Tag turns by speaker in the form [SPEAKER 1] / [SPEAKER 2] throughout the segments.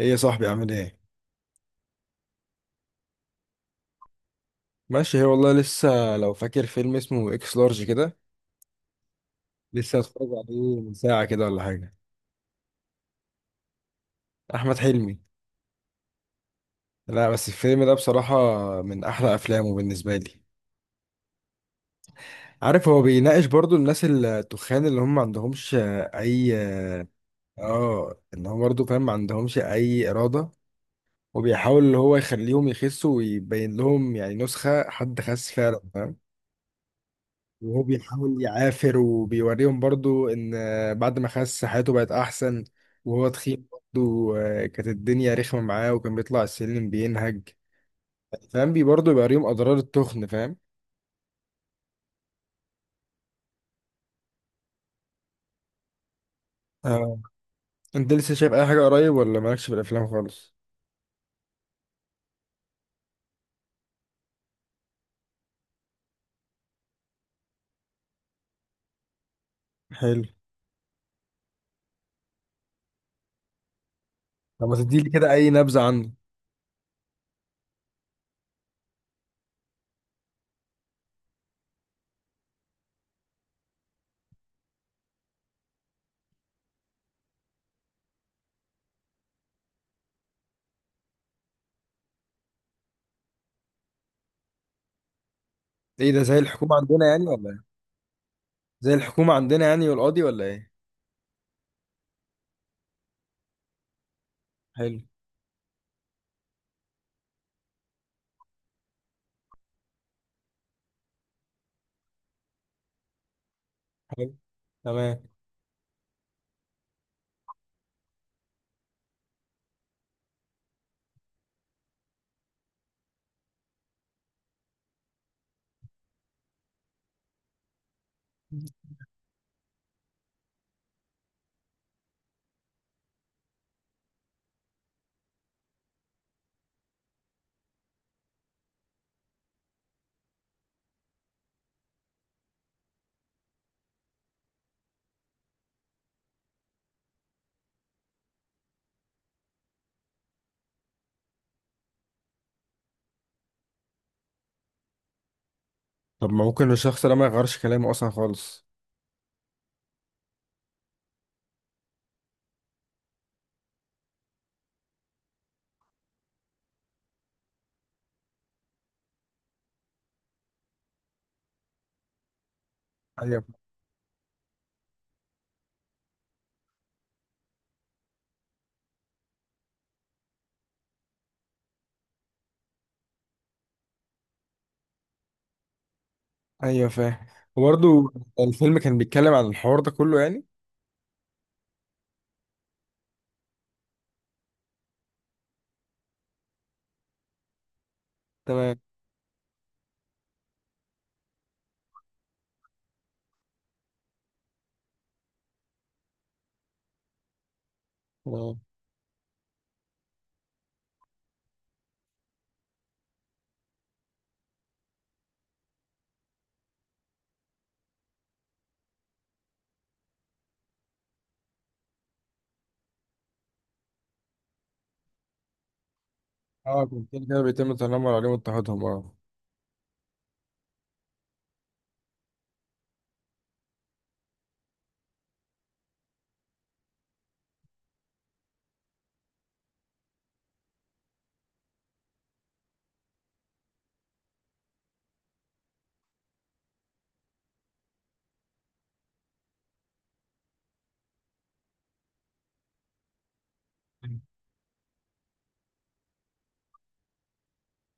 [SPEAKER 1] ايه يا صاحبي، عامل ايه؟ ماشي هي والله. لسه، لو فاكر فيلم اسمه اكس لارج كده؟ لسه هتفرج عليه من ساعة كده ولا حاجة؟ احمد حلمي. لا بس الفيلم ده بصراحة من احلى افلامه بالنسبة لي. عارف، هو بيناقش برضو الناس التخان اللي هم ما عندهمش اي. اه، ان هو برضو فاهم ما عندهمش اي ارادة، وبيحاول اللي هو يخليهم يخسوا ويبين لهم يعني نسخة حد خس فعلا، فاهم. وهو بيحاول يعافر وبيوريهم برضو ان بعد ما خس حياته بقت احسن، وهو تخين برضو كانت الدنيا رخمة معاه وكان بيطلع السلم بينهج. فاهم، برضو بيوريهم اضرار التخن، فاهم. آه. انت لسه شايف اي حاجة قريب ولا مالكش في الافلام خالص؟ حلو. طب ما تديلي كده اي نبذة عنه. ايه ده، زي الحكومة عندنا يعني ولا ايه؟ زي الحكومة عندنا يعني، والقاضي ولا ايه؟ حلو. حلو. تمام. طب ما ممكن الشخص ده ما يغيرش كلامه اصلا خالص؟ ايوه، ايوه، فاهم. وبرضه الفيلم كان بيتكلم عن الحوار ده كله يعني؟ تمام. تمام. اه، كان كده كده بيتم التنمر عليهم واضطهادهم، اه.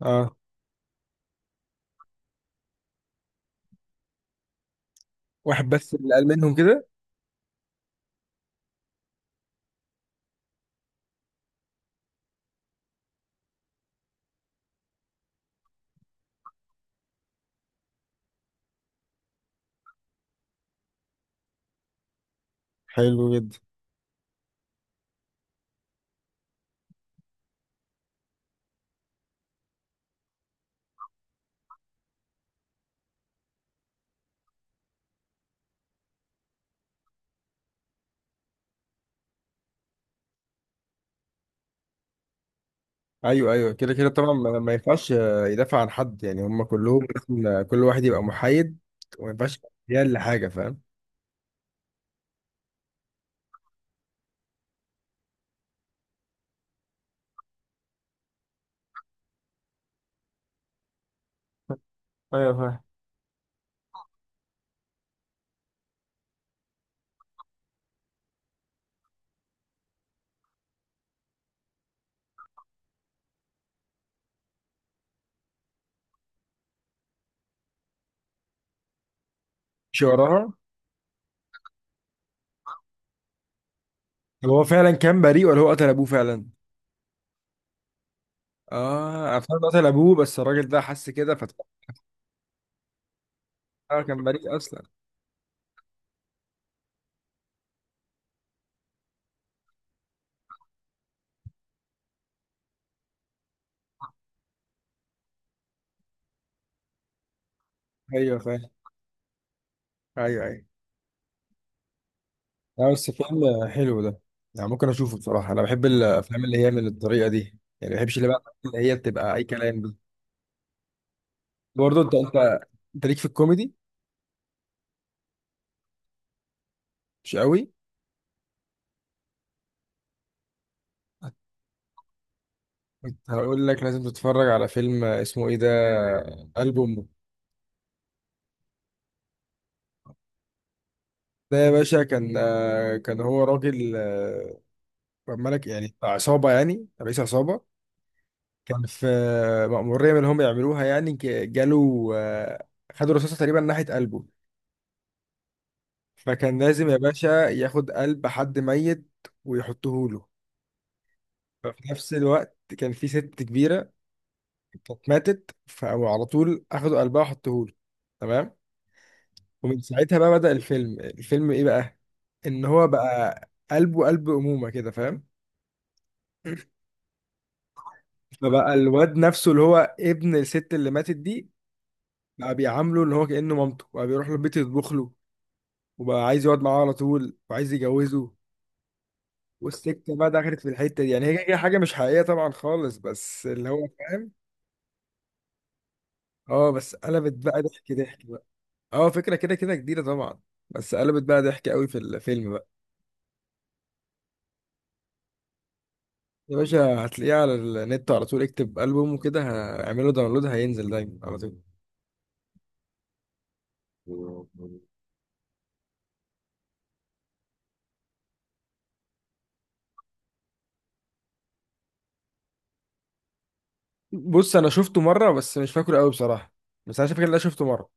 [SPEAKER 1] اه. واحد بس اللي قال منهم كده؟ حلو جدا. ايوه، ايوه، كده كده طبعا، ما ينفعش يدافع عن حد، يعني هم كلهم لازم، كل واحد يبقى محايد. وما ينفعش يديها لحاجه، فاهم. ايوه، فاهم. مش وراها. طب هو فعلا كان بريء ولا هو قتل ابوه فعلا؟ اه، انا فعلا قتل ابوه بس الراجل ده حس كده، فتح. كان بريء اصلا؟ ايوه، فاهم. ايوه، ايوه. لا بس فيلم حلو ده، يعني ممكن اشوفه بصراحه. انا بحب الافلام اللي هي من الطريقه دي، يعني ما بحبش اللي بقى اللي هي بتبقى اي كلام دي. برضه انت، انت ليك في الكوميدي؟ مش قوي. كنت هقول لك لازم تتفرج على فيلم اسمه ايه ده، قلب امه. ده يا باشا كان كان هو راجل ملك يعني عصابه، يعني رئيس عصابه. كان في مأمورية من اللي هم يعملوها، يعني جاله خدوا رصاصة تقريبا ناحية قلبه. فكان لازم يا باشا ياخد قلب حد ميت ويحطه له. ففي نفس الوقت كان في ست كبيرة كانت ماتت، فعلى طول أخدوا قلبها وحطوه له. تمام. ومن ساعتها بقى بدأ الفيلم. الفيلم إيه بقى؟ إن هو بقى قلبه قلب أمومة كده، فاهم؟ فبقى الواد نفسه اللي هو ابن الست اللي ماتت دي بقى بيعامله إن هو كأنه مامته، بقى بيروح له البيت يطبخ له، وبقى عايز يقعد معاه على طول وعايز يجوزه. والسكه بقى دخلت في الحته دي، يعني هي كده حاجه مش حقيقيه طبعا خالص، بس اللي هو فاهم. اه، بس قلبت بقى ضحك ضحك بقى. اه، فكره كده كده جديده طبعا. بس قلبت بقى ضحك قوي في الفيلم بقى. يا باشا هتلاقيه على النت على طول، اكتب البوم وكده، هعمله داونلود هينزل دايما على طول. بص، انا شفته مره بس مش فاكره قوي بصراحه، بس انا فاكر ان انا شفته مره.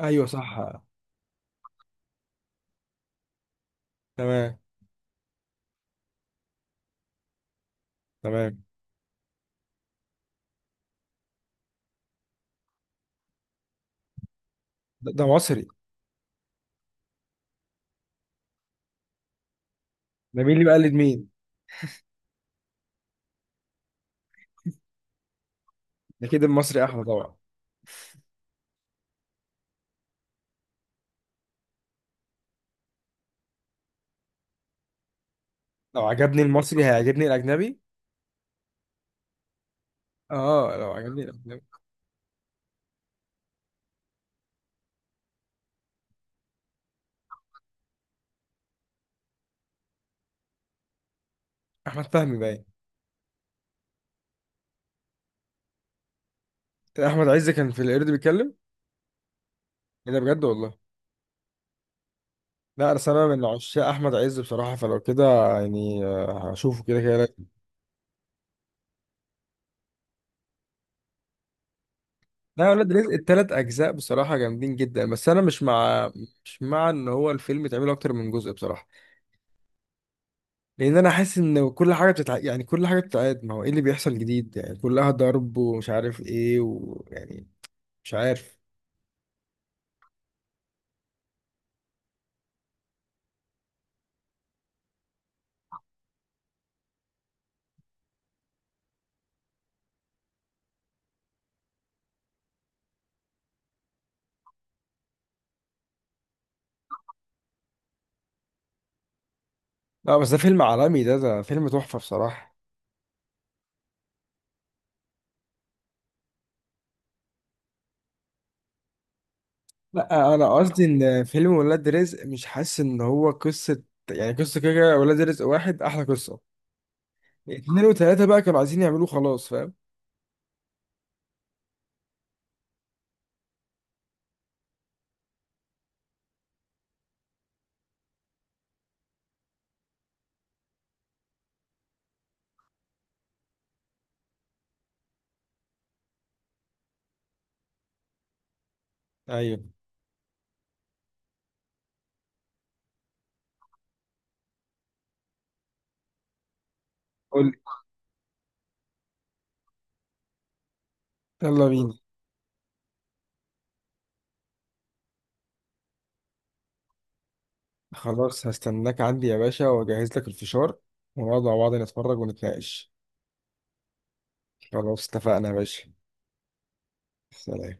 [SPEAKER 1] ايوه، صح. تمام. تمام. ده مصري. ده مين اللي بقلد مين؟ ده كده المصري احلى طبعا. لو عجبني المصري هيعجبني الاجنبي. اه، لو عجبني الافلام. احمد فهمي باين. احمد عز كان في القرد بيتكلم؟ ايه ده بجد والله؟ لا، انا من عشاق احمد عز بصراحه، فلو كده يعني هشوفه كده كده لازم. لا، يا ولاد رزق التلات اجزاء بصراحه جامدين جدا، بس انا مش مع، مش مع ان هو الفيلم يتعمل اكتر من جزء بصراحه. لان انا حاسس ان كل حاجه يعني كل حاجه بتتعاد، ما هو ايه اللي بيحصل جديد، يعني كلها ضرب ومش عارف ايه ويعني، مش عارف. لا بس ده فيلم عالمي، ده. ده فيلم تحفه بصراحه. لا، انا قصدي ان فيلم ولاد رزق مش حاسس ان هو قصه، يعني قصه كده كده ولاد رزق واحد احلى قصه. اتنين وتلاته بقى كانوا عايزين يعملوه خلاص، فاهم. ايوه. قول لي. يلا بينا. خلاص، هستناك عندي يا باشا، واجهز لك الفشار، ونقعد مع بعض نتفرج ونتناقش. خلاص اتفقنا يا باشا. سلام.